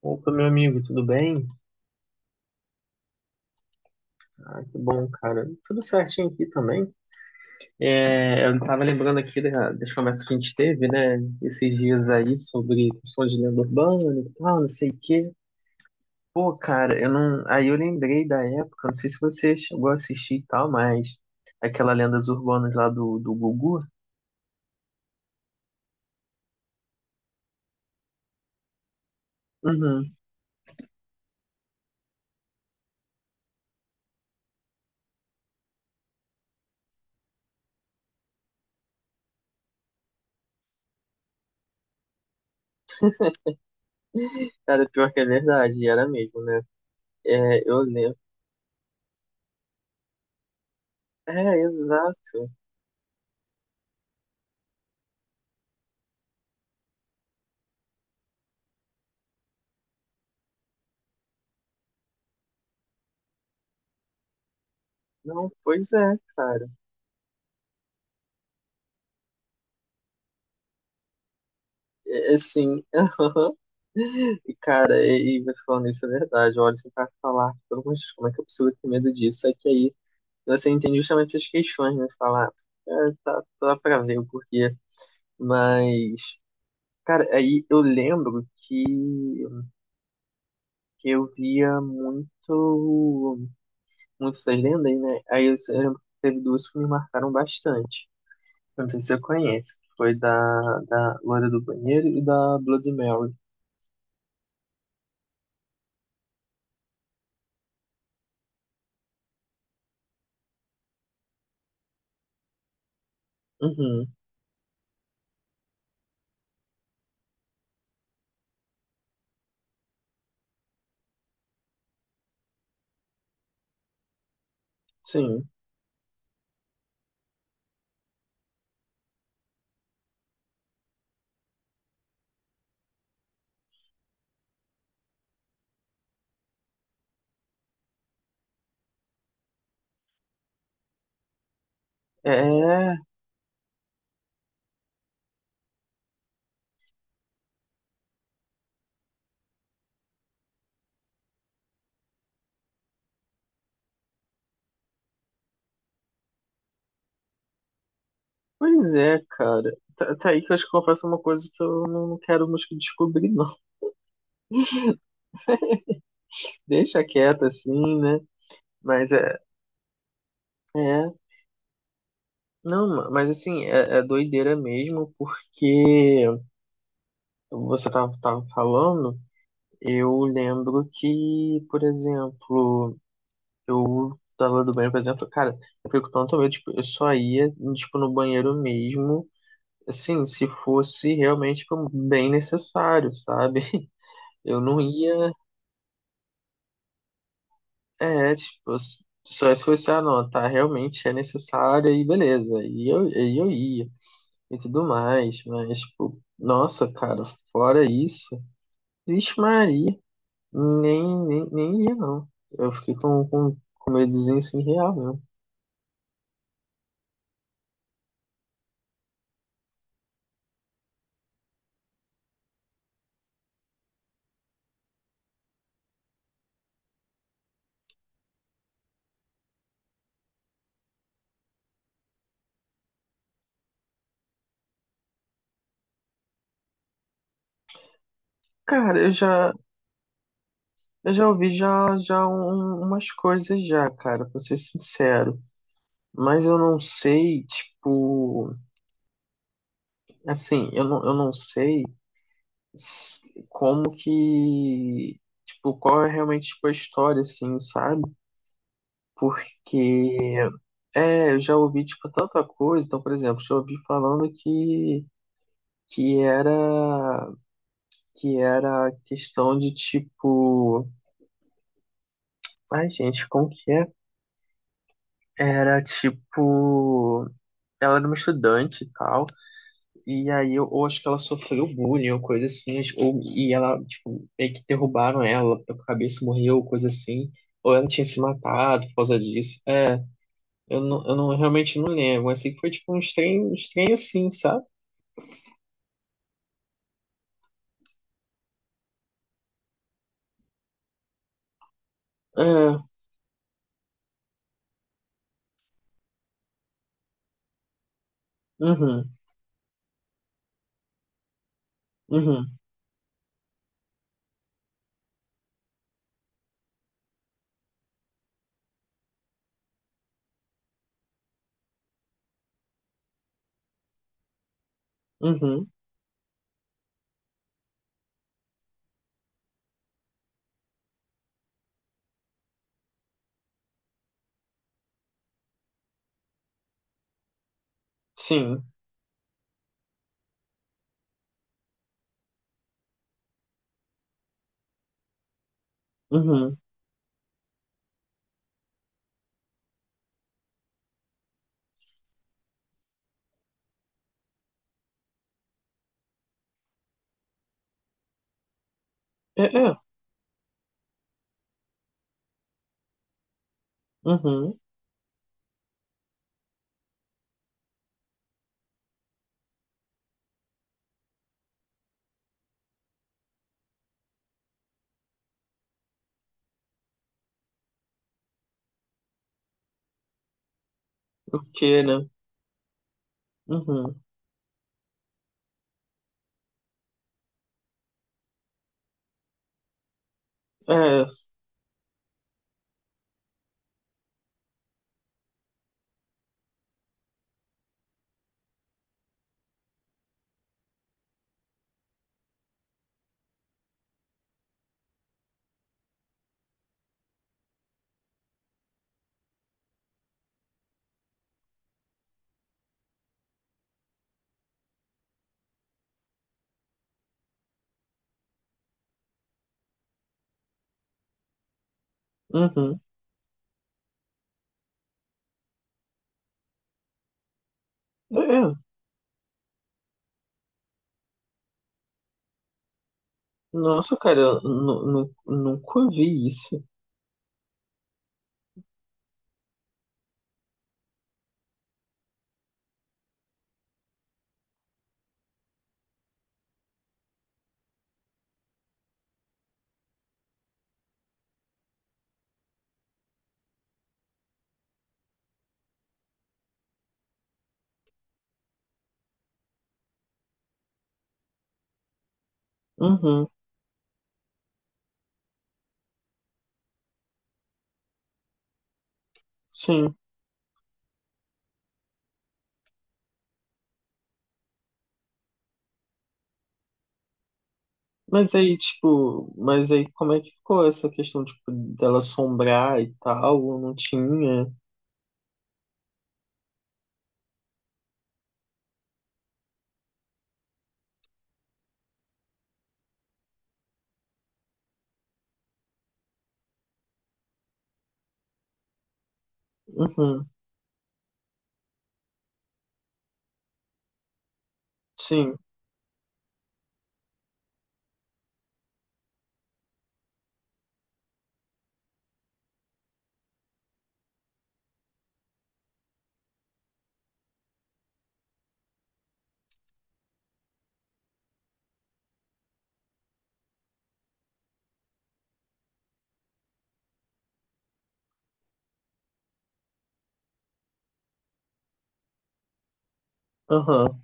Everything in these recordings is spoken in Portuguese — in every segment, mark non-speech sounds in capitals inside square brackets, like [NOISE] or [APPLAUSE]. Opa, meu amigo, tudo bem? Ah, que bom, cara. Tudo certinho aqui também. É, eu tava lembrando aqui das conversas que a gente teve, né, esses dias aí sobre questão de lenda urbana e tal, não sei o quê. Pô, cara, eu não. Aí eu lembrei da época, não sei se você chegou a assistir e tal, mas aquela Lendas Urbanas lá do Gugu. Uhum. Cara, pior que é verdade, era mesmo, né? É, eu lembro. É, exato. Não, pois é, cara. É, é sim. [LAUGHS] E, cara, e você falando isso é verdade. Olha, se o cara falar, pelo amor de Deus, como é que eu preciso ter medo disso? É que aí você entende justamente essas questões, né? Você fala, "Ah, é, tá, tá pra ver o porquê." Mas, cara, aí eu lembro que eu via muito, muito essas lendas, né? Aí eu lembro que teve duas que me marcaram bastante. Não sei se você conhece, que foi da Loira do Banheiro e da Bloody Mary. Uhum, sim. É, pois é, cara. Tá, tá aí que eu acho que confesso uma coisa que eu não quero nos descobrir, não. [LAUGHS] Deixa quieto assim, né? Mas é, é. Não, mas assim, é, é doideira mesmo, porque você tava falando, eu lembro que, por exemplo, eu tava do banheiro, por exemplo, cara, eu fico tanto medo, tipo, eu só ia, tipo, no banheiro mesmo, assim, se fosse realmente, tipo, bem necessário, sabe? [LAUGHS] Eu não ia. É, tipo, só se fosse, ah, não, tá, realmente é necessária e beleza, e eu ia, e tudo mais, mas, tipo, nossa, cara, fora isso, vixe Maria, nem ia, não. Eu fiquei com medozinho, assim, real mesmo. Cara, eu já ouvi já, já umas coisas já, cara, pra ser sincero, mas eu não sei, tipo, assim, eu não sei s- como que, tipo, qual é realmente tipo, a história, assim, sabe? Porque, é, eu já ouvi, tipo, tanta coisa. Então, por exemplo, já ouvi falando que era, que era questão de, tipo, ai, gente, como que é? Era, tipo, ela era uma estudante e tal. E aí eu acho que ela sofreu bullying ou coisa assim, ou, e ela, tipo, meio que derrubaram ela, ela a cabeça, morreu, coisa assim, ou ela tinha se matado por causa disso. É, eu não realmente não lembro, mas sei que foi tipo um estranho assim, sabe? É, uhum, uhum, uhum, sim, uhum, é, é, uhum, o que, né? Uhum, é, uhum, é, é. Nossa, cara, eu nunca vi isso. Uhum, sim. Mas aí, tipo, mas aí como é que ficou essa questão, tipo, dela assombrar e tal? Não tinha? Uhum, sim, aham,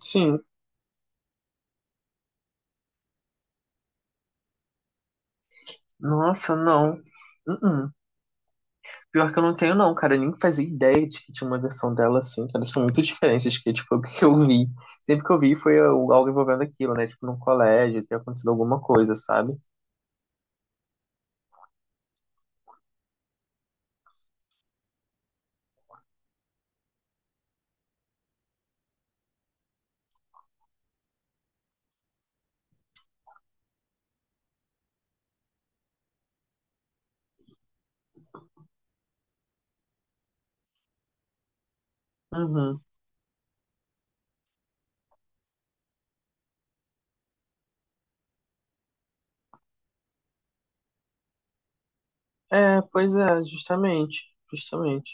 sim. Nossa, não. Uhum. Pior que eu não tenho, não, cara. Eu nem fazia ideia de que tinha uma versão dela assim, cara. São muito diferentes que, tipo, [LAUGHS] o que eu vi. Sempre que eu vi foi algo algo envolvendo aquilo, né? Tipo, num colégio, ter acontecido alguma coisa, sabe? Uhum. É, pois é, justamente. Justamente.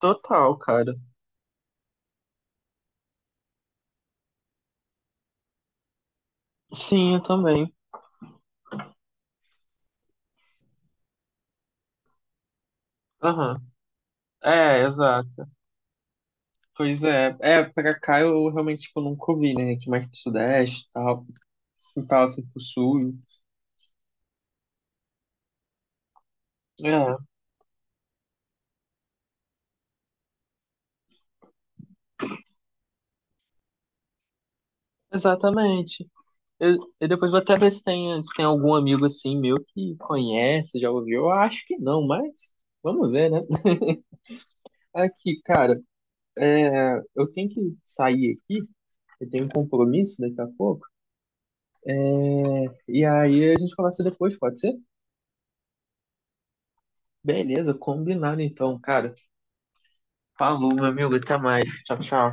Total, cara. Sim, eu também. Aham. É, exato. Pois é, é, pra cá eu realmente, tipo, nunca ouvi, né? Aqui mais pro sudeste e tal, fui pra lá, assim, pro sul. É, exatamente. Eu depois vou até ver se tem, algum amigo assim meu que conhece, já ouviu. Eu acho que não, mas vamos ver, né? Aqui, cara, é, eu tenho que sair aqui, eu tenho um compromisso daqui a pouco, e aí a gente conversa depois, pode ser? Beleza, combinado então, cara. Falou, meu amigo, até mais. Tchau, tchau.